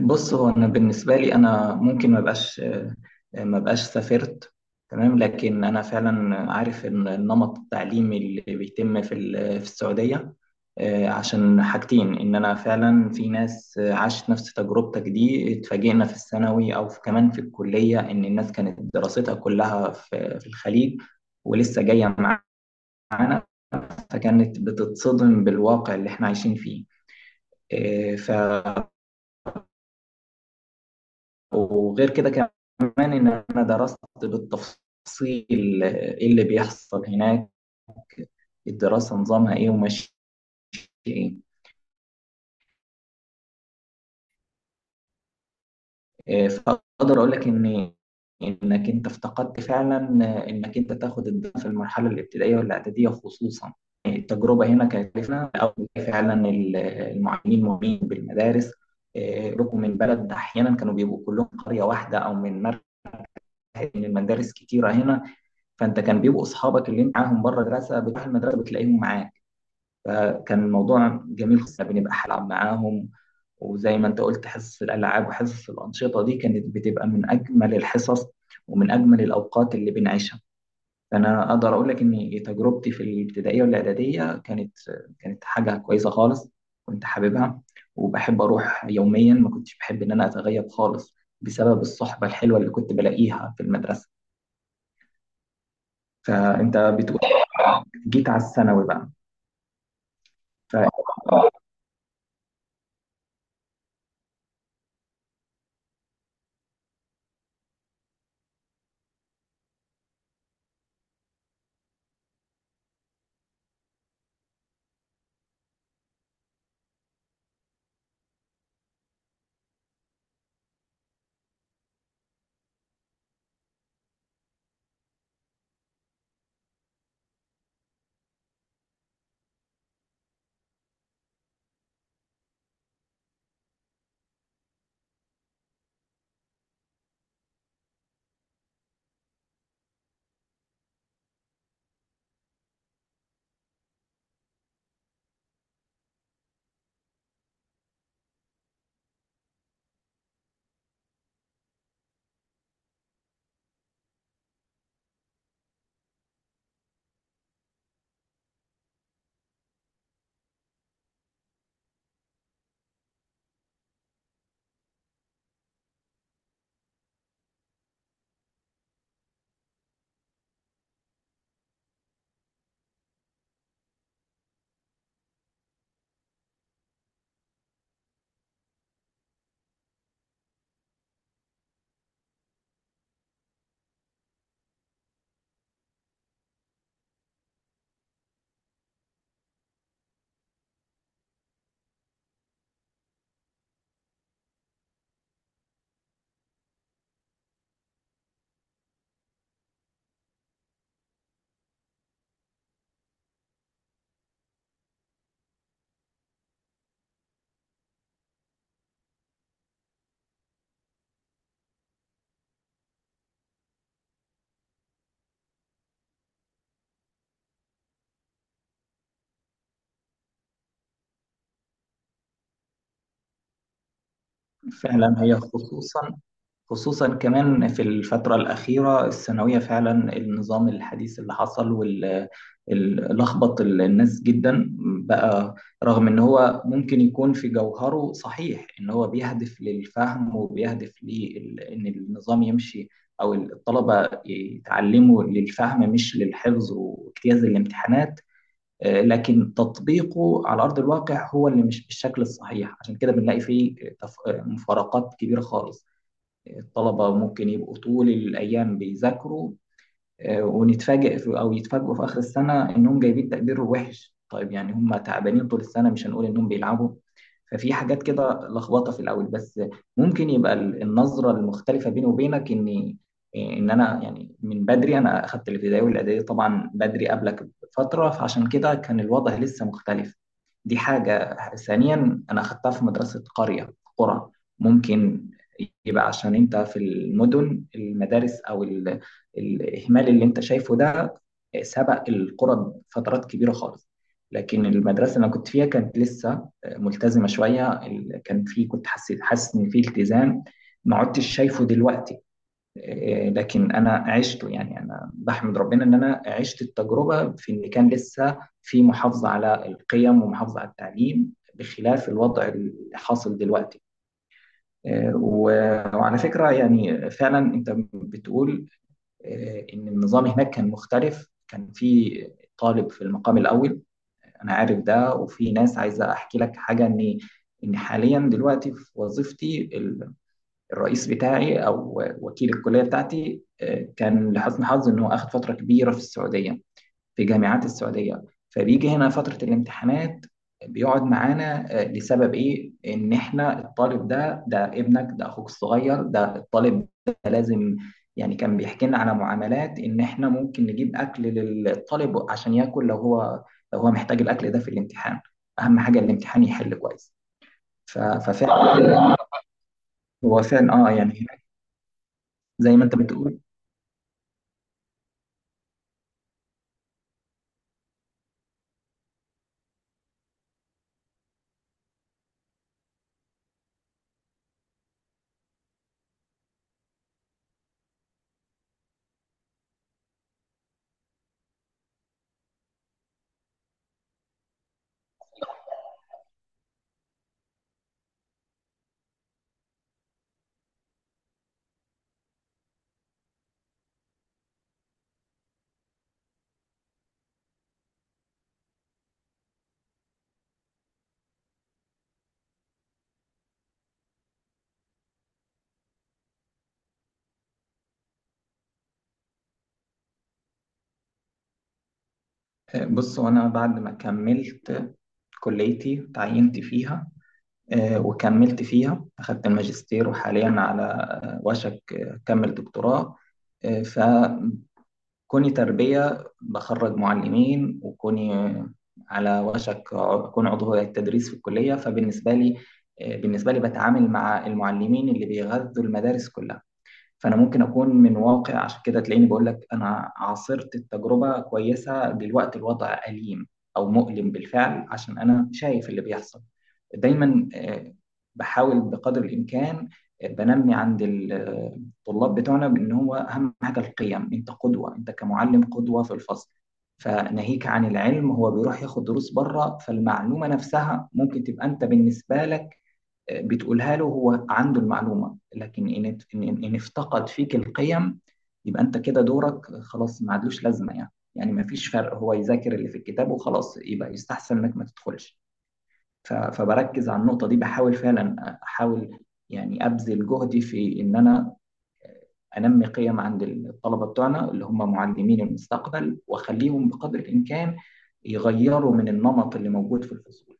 بص هو انا بالنسبه لي انا ممكن ما بقاش ما بقاش سافرت. تمام، لكن انا فعلا عارف ان النمط التعليمي اللي بيتم في السعوديه، عشان حاجتين، ان انا فعلا في ناس عاشت نفس تجربتك دي، اتفاجئنا في الثانوي او في كمان في الكليه، ان الناس كانت دراستها كلها في الخليج ولسه جايه معانا، فكانت بتتصدم بالواقع اللي احنا عايشين فيه. إيه، ف وغير كده كمان إن أنا درست بالتفصيل إيه اللي بيحصل هناك، الدراسة نظامها إيه وماشية إيه. فأقدر أقول لك إنك أنت افتقدت فعلا، إنك أنت تاخد الدراسة في المرحلة الابتدائية والإعدادية خصوصا. يعني التجربة هنا كانت لنا، أو فعلا المعلمين مهمين بالمدارس. ركوا من بلد، أحيانا كانوا بيبقوا كلهم قرية واحدة أو من مركز، من مدارس كتيرة هنا. فانت كان بيبقوا اصحابك اللي معاهم بره المدرسه، بتروح المدرسه بتلاقيهم معاك، فكان الموضوع جميل خصوصا بنبقى هنلعب معاهم. وزي ما انت قلت، حصص الالعاب وحصص الانشطه دي كانت بتبقى من اجمل الحصص ومن اجمل الاوقات اللي بنعيشها. فانا اقدر اقول لك ان تجربتي في الابتدائيه والاعداديه كانت حاجه كويسه خالص، كنت حاببها وبحب اروح يوميا، ما كنتش بحب ان انا اتغيب خالص بسبب الصحبه الحلوه اللي كنت بلاقيها في المدرسه. فانت بتقول جيت على الثانوي بقى. ففعلا هي خصوصا كمان في الفترة الأخيرة، الثانوية فعلا النظام الحديث اللي حصل لخبط الناس جدا بقى. رغم إن هو ممكن يكون في جوهره صحيح، إن هو بيهدف للفهم وبيهدف لإن النظام يمشي أو الطلبة يتعلموا للفهم مش للحفظ واجتياز الامتحانات، لكن تطبيقه على ارض الواقع هو اللي مش بالشكل الصحيح، عشان كده بنلاقي فيه مفارقات كبيره خالص. الطلبه ممكن يبقوا طول الايام بيذاكروا، ونتفاجئ في او يتفاجئوا في اخر السنه انهم جايبين تقدير وحش. طيب، يعني هم تعبانين طول السنه، مش هنقول انهم بيلعبوا. ففي حاجات كده لخبطه في الاول. بس ممكن يبقى النظره المختلفه بيني وبينك اني، ان انا يعني من بدري، انا اخدت الابتدائي والاعدادي طبعا بدري قبلك بفتره، فعشان كده كان الوضع لسه مختلف. دي حاجه. ثانيا، انا اخدتها في مدرسه قريه، قرى، ممكن يبقى عشان انت في المدن، المدارس او ال الإهمال اللي أنت شايفه ده سبق القرى بفترات كبيرة خالص، لكن المدرسة اللي أنا كنت فيها كانت لسه ملتزمة شوية. كان في، كنت حاسس إن في التزام ما عدتش شايفه دلوقتي. لكن أنا عشته، يعني أنا بحمد ربنا إن أنا عشت التجربة في إن كان لسه في محافظة على القيم ومحافظة على التعليم بخلاف الوضع الحاصل دلوقتي. و وعلى فكرة يعني فعلا أنت بتقول، ان النظام هناك كان مختلف، كان في طالب في المقام الاول. انا عارف ده، وفي ناس عايزه احكي لك حاجه ان حاليا دلوقتي في وظيفتي الرئيس بتاعي او وكيل الكليه بتاعتي، كان لحسن حظي ان هو اخذ فتره كبيره في السعوديه، في جامعات السعودية. فبيجي هنا فترة الامتحانات بيقعد معانا، لسبب ايه؟ ان احنا الطالب ده، ابنك، ده اخوك الصغير، ده الطالب ده لازم، يعني كان بيحكي لنا على معاملات ان احنا ممكن نجيب اكل للطالب عشان ياكل لو هو محتاج الاكل ده في الامتحان، اهم حاجة الامتحان يحل كويس. ففعلا هو فعلا، اه، يعني هناك زي ما انت بتقول. بص، وانا بعد ما كملت كليتي تعينت فيها، وكملت فيها أخدت الماجستير، وحاليا على وشك أكمل دكتوراه. فكوني تربية بخرج معلمين، وكوني على وشك أكون عضو هيئة التدريس في الكلية، فبالنسبة لي، بالنسبة لي بتعامل مع المعلمين اللي بيغذوا المدارس كلها، فانا ممكن اكون من واقع. عشان كده تلاقيني بقول لك انا عاصرت التجربه كويسه، دلوقتي الوضع اليم او مؤلم بالفعل عشان انا شايف اللي بيحصل دايما. بحاول بقدر الامكان، بنمي عند الطلاب بتوعنا بان هو اهم حاجه القيم، انت قدوه، انت كمعلم قدوه في الفصل. فناهيك عن العلم، هو بيروح ياخد دروس بره، فالمعلومه نفسها ممكن تبقى انت بالنسبه لك بتقولها له، هو عنده المعلومة، لكن إن إن افتقد فيك القيم، يبقى أنت كده دورك خلاص ما عادلوش لازمة، يعني يعني ما فيش فرق، هو يذاكر اللي في الكتاب وخلاص، يبقى يستحسن إنك ما تدخلش. فبركز على النقطة دي، بحاول فعلا، أحاول يعني أبذل جهدي في إن أنا أنمي قيم عند الطلبة بتوعنا اللي هم معلمين المستقبل، وأخليهم بقدر الإمكان يغيروا من النمط اللي موجود في الفصول.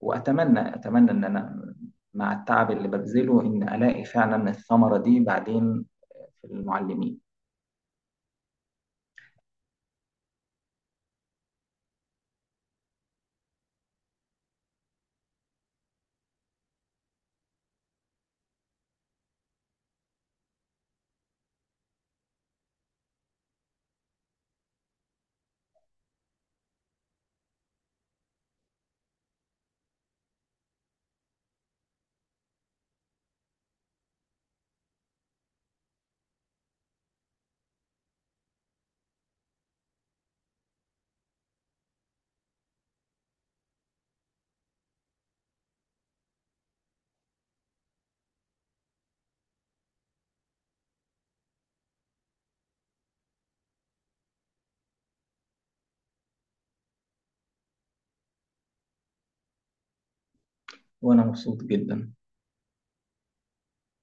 وأتمنى إن أنا مع التعب اللي ببذله إن ألاقي فعلا الثمرة دي بعدين في المعلمين. وأنا مبسوط جدا.